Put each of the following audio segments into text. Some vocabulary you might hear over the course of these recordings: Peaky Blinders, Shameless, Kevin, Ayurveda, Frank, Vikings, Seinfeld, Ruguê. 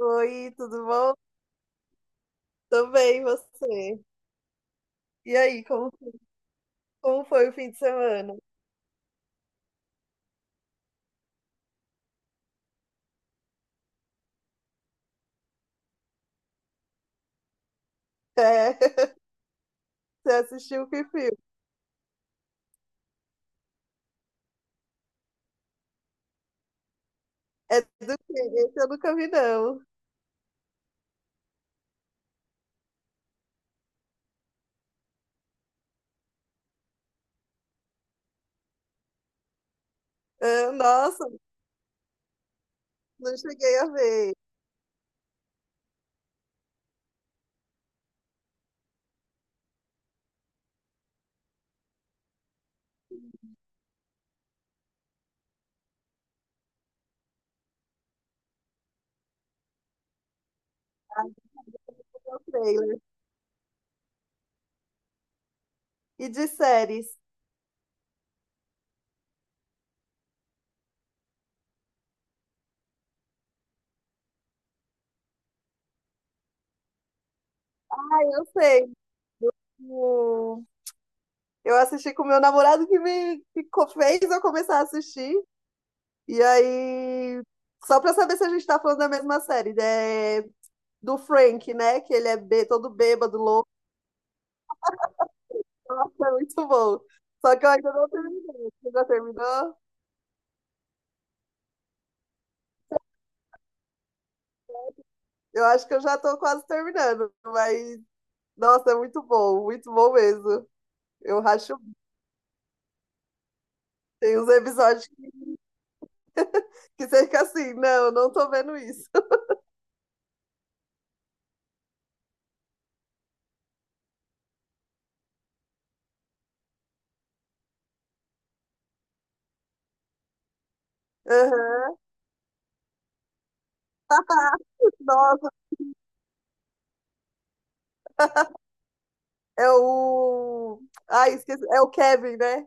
Oi, tudo bom? Tô bem, e você? E aí, como foi o fim de semana? É, você assistiu que filme? É do quê? Esse eu nunca vi, não. Ah, nossa, não cheguei a ver. Ah, é o trailer. E de séries? Ah, eu sei. O- Eu assisti com o meu namorado que fez eu começar a assistir. E aí, só pra saber se a gente tá falando da mesma série, né? Do Frank, né? Que ele é todo bêbado, louco. Nossa, é muito bom. Só que eu ainda não terminei. Você já terminou? Eu acho que eu já tô quase terminando, mas nossa, é muito bom mesmo. Eu racho. Tem uns episódios que você fica assim, não, não tô vendo isso. Aham. Nossa, é o. Ai, esqueci. É o Kevin, né?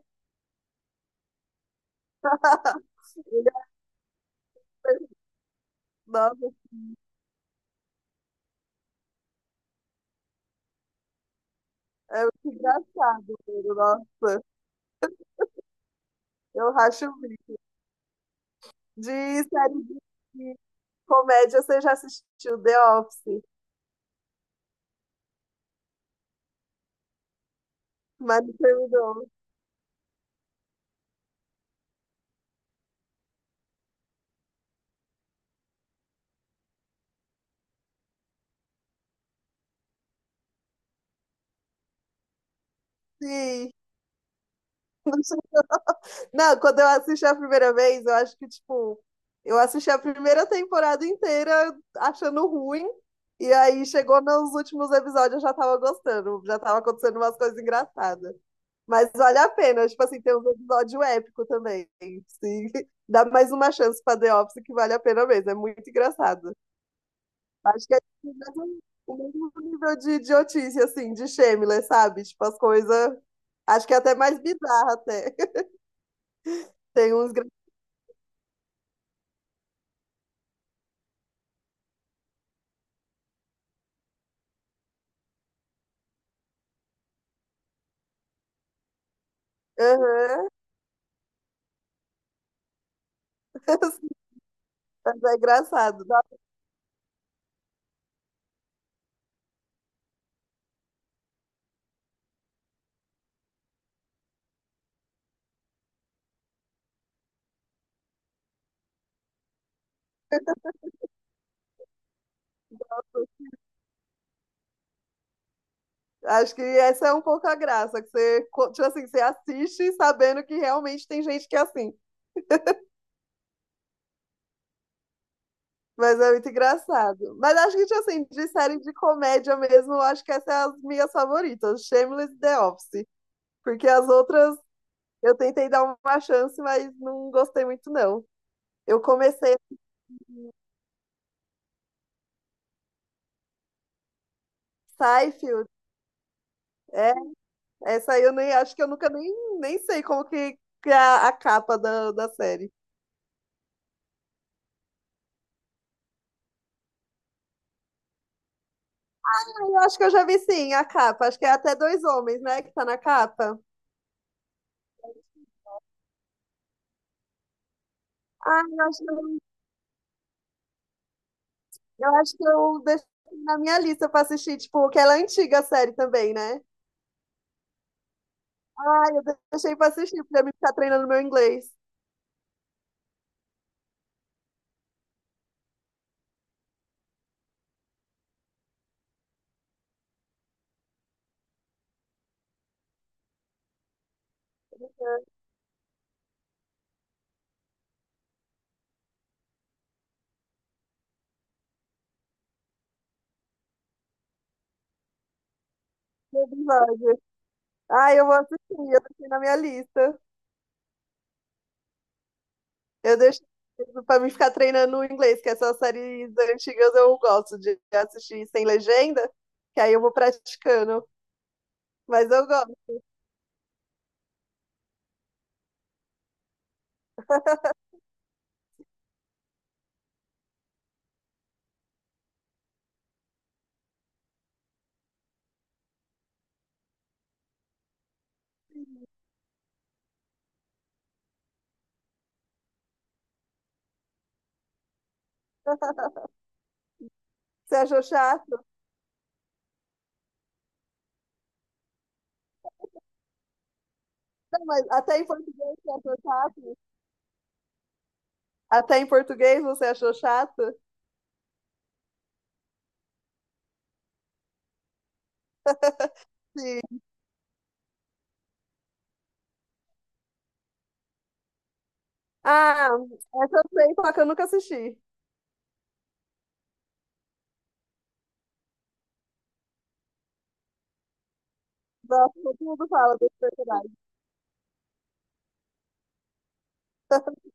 Ele é- Nossa, é muito engraçado, mano. Nossa, eu racho o bico. De série de comédia, você já assistiu The Office, mas não terminou? Sim. Não, quando eu assisti a primeira vez, eu acho que, tipo, eu assisti a primeira temporada inteira achando ruim, e aí chegou nos últimos episódios, eu já tava gostando, já tava acontecendo umas coisas engraçadas. Mas vale a pena, tipo assim, tem um episódio épico também. Sim. Dá mais uma chance pra The Office que vale a pena mesmo, é muito engraçado. Acho que é o mesmo nível de idiotice, assim, de Shameless, sabe? Tipo, as coisas. Acho que é até mais bizarra, até. Tem uns. Aham. Mas é engraçado. Nossa, acho que essa é um pouco a graça, que você, tipo assim, você assiste sabendo que realmente tem gente que é assim. Mas é muito engraçado. Mas acho que, tipo assim, de série de comédia mesmo, eu acho que essas são as minhas favoritas, Shameless e The Office. Porque as outras eu tentei dar uma chance, mas não gostei muito, não. Eu comecei Seinfeld, é, essa aí eu nem acho que eu nunca nem sei como que é a capa da série. Ah, eu acho que eu já vi sim a capa, acho que é até dois homens, né, que tá na capa. Ah, eu acho que eu deixei na minha lista pra assistir, tipo, que ela é antiga a série também, né? Ah, eu deixei pra assistir, pra mim ficar treinando meu inglês. Né, episódio. Ah, eu vou assistir, eu deixei na minha lista. Eu deixo pra mim ficar treinando o inglês, que essas séries antigas eu gosto de assistir sem legenda, que aí eu vou praticando. Mas eu gosto. Você achou chato? Não, mas até em português você achou chato? Até em português você achou chato? Sim. Ah, essa eu sei, só que eu nunca assisti. Nossa, todo mundo fala desse personagem.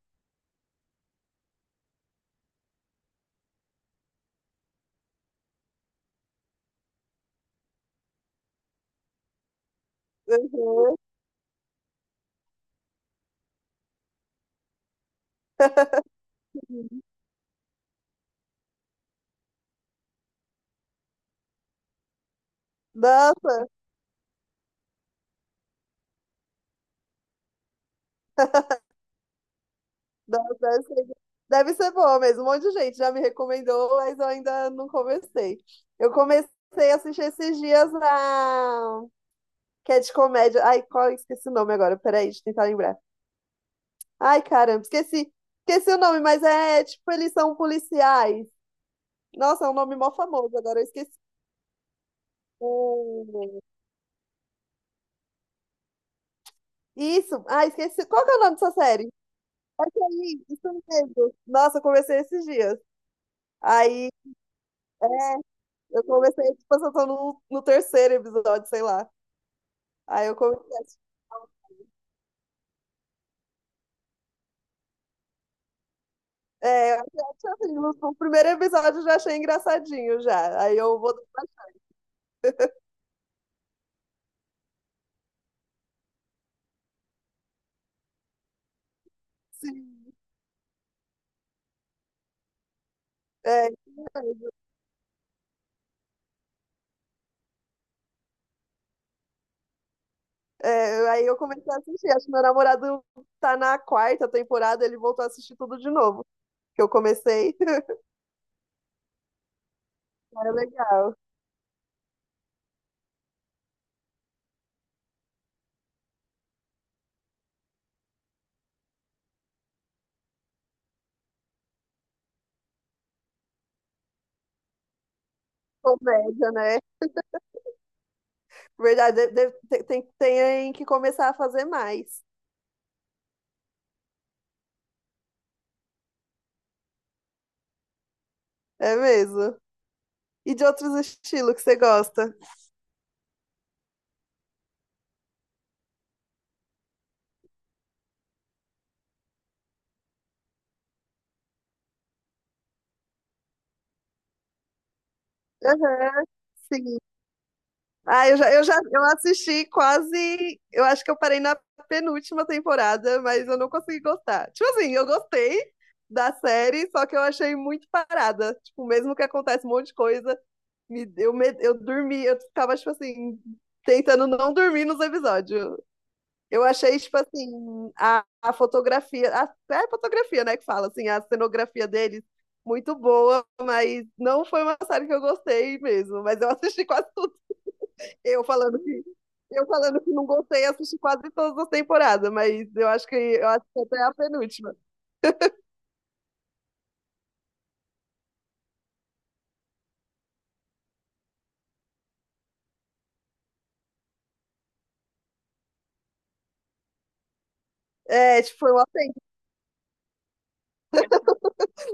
Uhum. Nossa, nossa, deve ser boa mesmo. Um monte de gente já me recomendou, mas eu ainda não comecei. Eu comecei a assistir esses dias a que é de comédia. Ai, qual esqueci o nome agora? Peraí, deixa eu tentar lembrar. Ai, caramba, esqueci. Esqueci o nome, mas é tipo, eles são policiais. Nossa, é um nome mó famoso, agora eu esqueci. O- Isso, ah, esqueci. Qual que é o nome dessa série? É aí, isso mesmo. Nossa, eu comecei esses dias. Aí é, eu comecei, tipo, eu tô no terceiro episódio, sei lá. Aí eu comecei. É, eu assim, no primeiro episódio eu já achei engraçadinho já. Aí eu vou. Sim. É, é, aí eu comecei a assistir. Acho que meu namorado tá na quarta temporada, ele voltou a assistir tudo de novo. Que eu comecei. É legal. Comédia, né? Verdade, tem que começar a fazer mais. É mesmo. E de outros estilos que você gosta? Aham, sim. Ah, eu assisti quase. Eu acho que eu parei na penúltima temporada, mas eu não consegui gostar. Tipo assim, eu gostei da série, só que eu achei muito parada. Tipo, mesmo que acontece um monte de coisa, eu dormi, eu ficava, tipo assim, tentando não dormir nos episódios. Eu achei, tipo assim, a fotografia, é a fotografia, né, que fala, assim, a cenografia deles. Muito boa, mas não foi uma série que eu gostei mesmo. Mas eu assisti quase tudo. Eu falando que eu falando que não gostei, assisti quase todas as temporadas, mas eu acho que até a penúltima. É, tipo, foi um atento,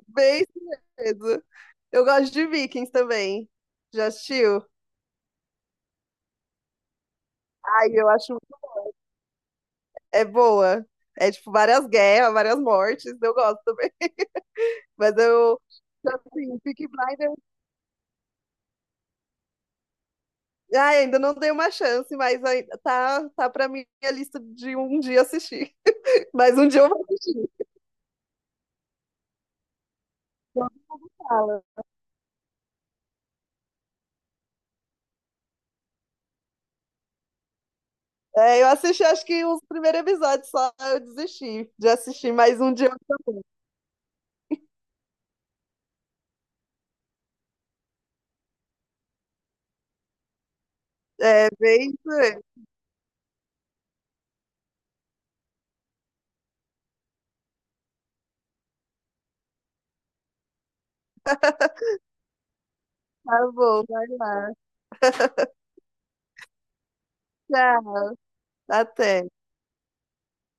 bem surpresa. Eu gosto de Vikings também. Já assistiu? Ai, eu acho é boa. É tipo várias guerras, várias mortes, eu gosto também. Mas eu assim, Peaky Blinders, ai, ainda não dei uma chance, mas tá para minha lista de um dia assistir. Mas um dia eu vou assistir. Então, fala. É, eu assisti acho que os primeiros episódios só, eu desisti de assistir mais um dia. Eu também. É, bem isso aí. Tá bom, vai lá. Tchau, até.